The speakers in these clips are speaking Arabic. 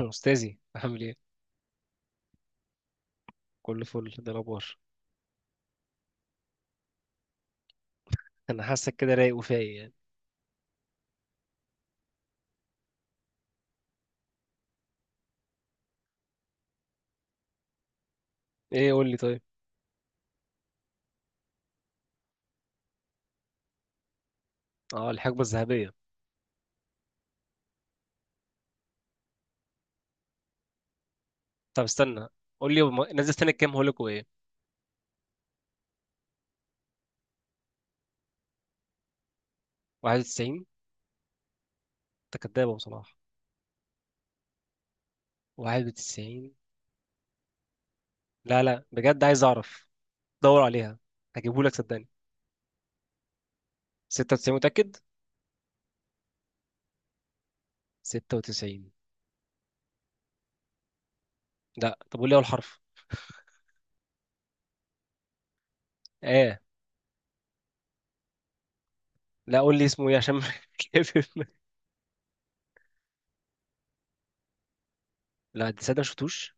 أستاذي عامل إيه؟ كل فل ده الأخبار. أنا حاسك كده رايق وفايق يعني. إيه قول لي طيب؟ أه، الحقبة الذهبية. طب استنى، قول لي نزل سنة كام هقول لك وإيه؟ 91. أنت كداب يا أبو صلاح. 91. لا لا، بجد عايز أعرف. دور عليها، هجيبه لك صدقني. 96 متأكد؟ 96. لا، طب قول لي أول حرف. آه. لا، قول لي اسمه إيه عشان كيف. لا دي صدق ما شفتوش.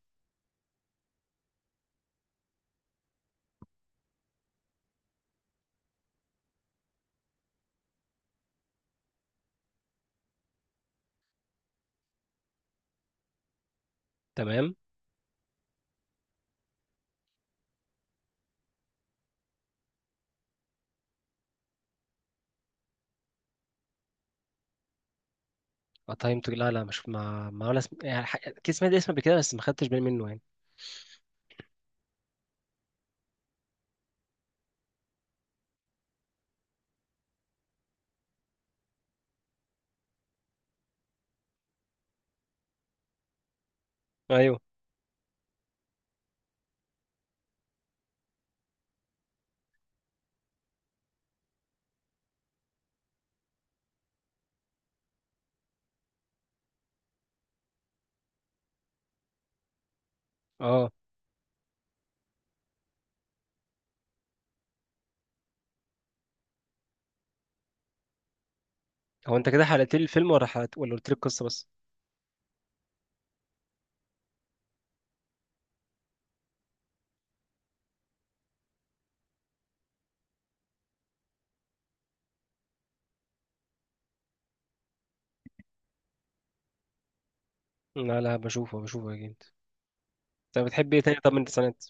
تمام. اه، تايم تو، لا لا مش ما ولا اسم، يعني كان سمعت اسمه قبل كده بس ما خدتش بالي منه يعني. ايوه. اه، هو انت كده حلقت لي الفيلم ولا حلقت ولا قلت لي القصه بس؟ لا لا، بشوفه بشوفه اكيد. انت بتحب ايه تاني طب من التسعينات؟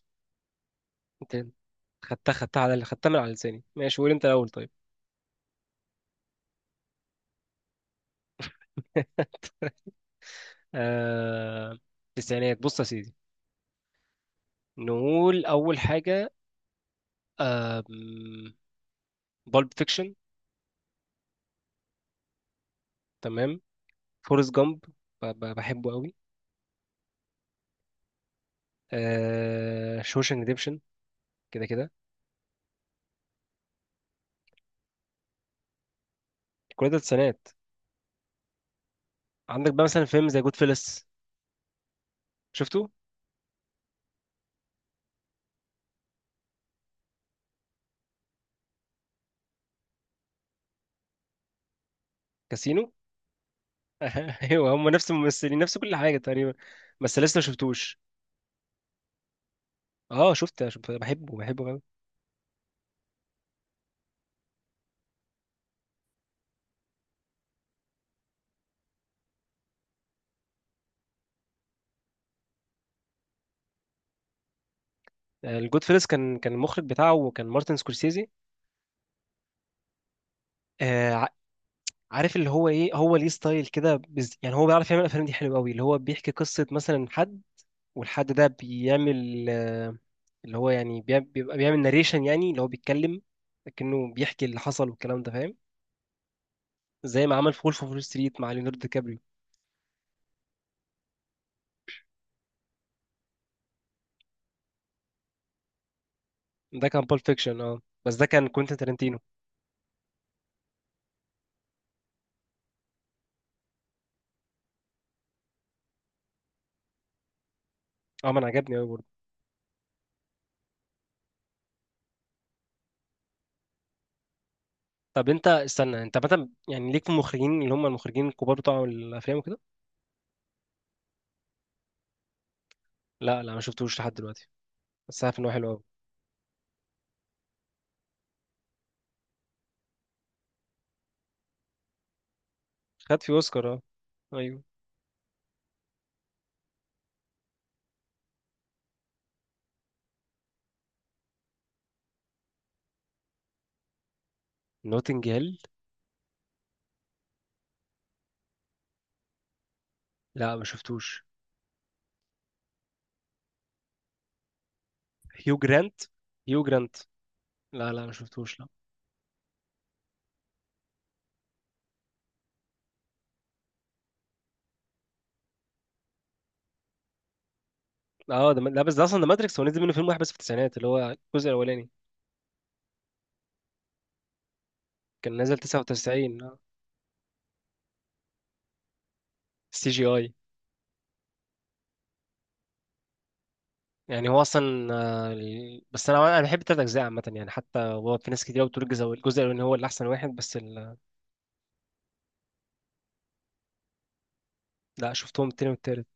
انت خدتها خدتها على خدتها من على لساني، ماشي قول انت الاول طيب. آه... التسعينات بص يا سيدي، نقول اول حاجه، آه... بالب فيكشن. تمام. فورست جامب، بحبه قوي. شوشنج ريديمشن. كده كده، كل ده التسعينات. عندك بقى مثلا فيلم زي جود فيلس شفته. كاسينو. ايوه هم نفس الممثلين نفس كل حاجه تقريبا، بس لسه ما شفتوش. اه شفت شفت بحبه بحبه قوي. الجود فيلس كان المخرج بتاعه كان مارتن سكورسيزي. آه ع- عارف اللي هو ايه، هو ليه ستايل كده يعني هو بيعرف يعمل الافلام دي حلو قوي، اللي هو بيحكي قصه مثلا حد، والحد ده بيعمل، اللي هو يعني بيبقى بيعمل ناريشن، يعني اللي هو بيتكلم لكنه بيحكي اللي حصل والكلام ده فاهم. زي ما عمل في وولف اوف وول ستريت مع ليوناردو دي كابريو. ده كان بول فيكشن، اه، بس ده كان كوينتين تارانتينو. اه ما انا عجبني قوي. طب انت استنى، انت مثلا يعني ليك في المخرجين اللي هم المخرجين الكبار بتوع الافلام وكده؟ لا لا ما شفتوش لحد دلوقتي، بس عارف ان هو حلو قوي. خد فيه اوسكار، اه. ايوه. نوتنج هيل. لا ما شفتوش. هيو جرانت، هيو جرانت. لا لا ما شفتوش لا. اه ده، لا بس ده اصلا ده ماتريكس، هو نزل منه فيلم واحد بس في التسعينات اللي هو الجزء الاولاني. كان نازل 99. سي جي اي. يعني هو اصلا، بس انا بحب التلات اجزاء عامه يعني، حتى هو في ناس كتير بتقول الجزء الاولاني هو اللي احسن واحد بس لا شفتهم التاني والتالت.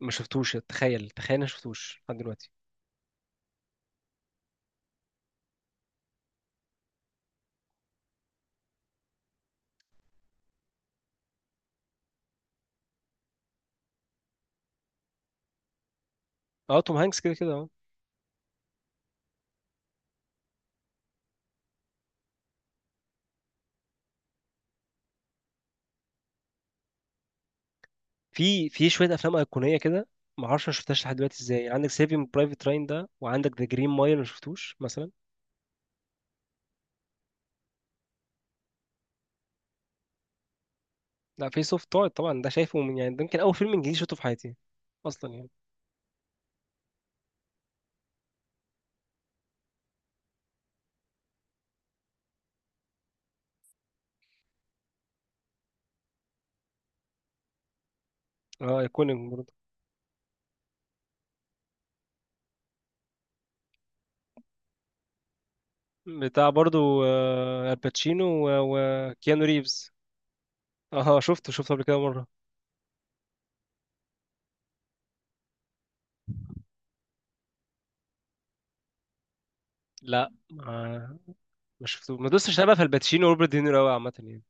ما شفتوش، تخيل تخيل انا ما شفتوش لحد دلوقتي. اه، توم هانكس كده كده اه. في شويه افلام ايقونيه كده، ما اعرفش ما شفتهاش لحد دلوقتي، ازاي عندك سيفينج برايفت راين ده وعندك ذا جرين مايل ما شفتوش مثلا. لا، فيس اوف تقعد طبعا، ده شايفه من يعني، ده يمكن اول فيلم انجليزي شفته في حياتي اصلا يعني. اه ايكونيك برضه. بتاع برضه، الباتشينو و- وكيانو ريفز. اه شفته شفته قبل كده مره. لا ما شفته ما دوستش، انا بقى في الباتشينو وروبرت دينيرو قوي عامه يعني.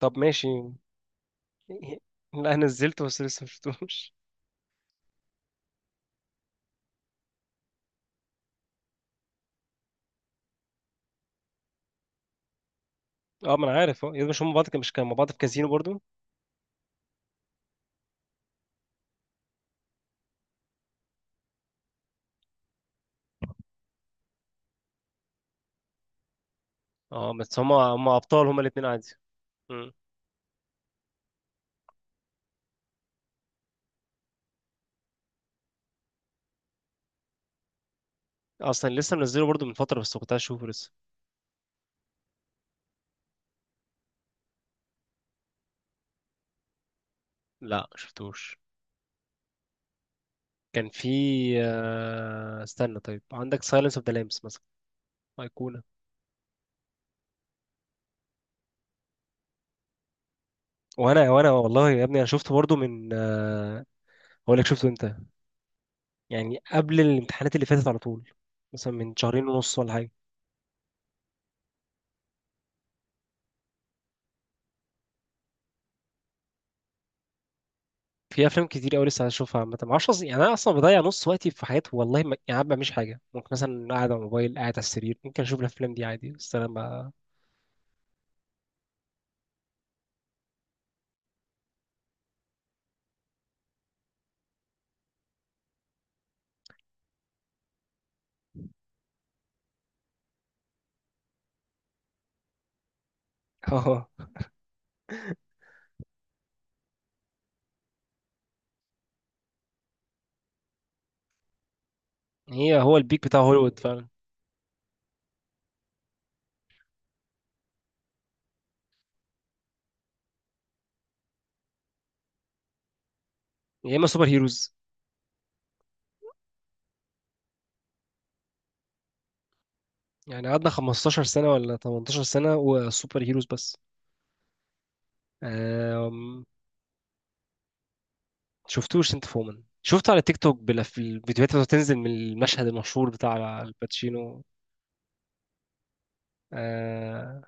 طب ماشي. لا أنا نزلته بس لسه ما شفتوش. اه ما انا عارف، اه، يا مش هم بعض مش كانوا مع بعض في كازينو برضو. اه بس هم ابطال هم الاثنين عادي. مم. اصلا لسه منزله برضو من فتره بس كنت عايز اشوفه لسه. لا شفتوش. كان في استنى طيب عندك سايلنس اوف ذا لامبس مثلا؟ ايقونه. وانا والله يا ابني انا شفته برضو من هقول لك شفته امتى. يعني قبل الامتحانات اللي فاتت على طول، مثلا من شهرين ونص ولا حاجه. في افلام كتير قوي لسه هشوفها عامه، ما اعرفش يعني انا اصلا بضيع نص وقتي في حاجات، والله ما... يعني ما بعملش حاجه، ممكن مثلا قاعد على الموبايل قاعد على السرير ممكن اشوف الافلام دي عادي بس انا ما اه، هي هو البيك بتاع هوليوود فعلا. يا اما سوبر هيروز. يعني قعدنا 15 سنه ولا 18 سنه وسوبر هيروز بس. أم... شفتوش انت فومن، شفته على تيك توك الفيديوهات اللي بتنزل من المشهد المشهور بتاع الباتشينو. أه...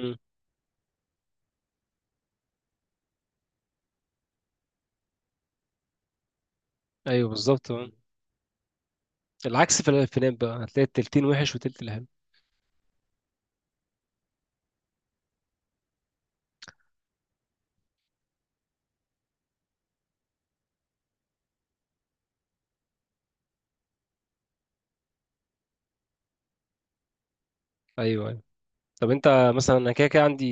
مم. ايوه بالظبط، آه. العكس في الافلام بقى هتلاقي التلتين وحش وتلت الحلو. ايوه أيوه. طب انت مثلا انا كده كده عندي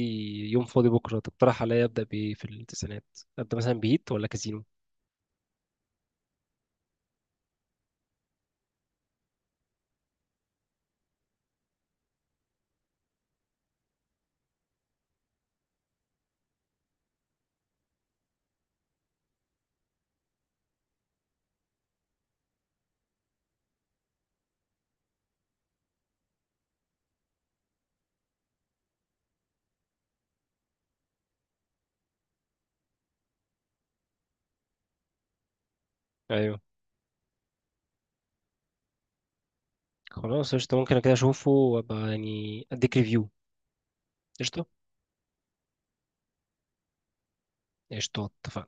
يوم فاضي بكره، تقترح عليا ابدا بايه في التسعينات؟ ابدا مثلا بهيت ولا كازينو؟ ايوه. خلاص قشطه ممكن كده اشوفه وابقى يعني اديك ريفيو. قشطه، قشطه اتفقنا.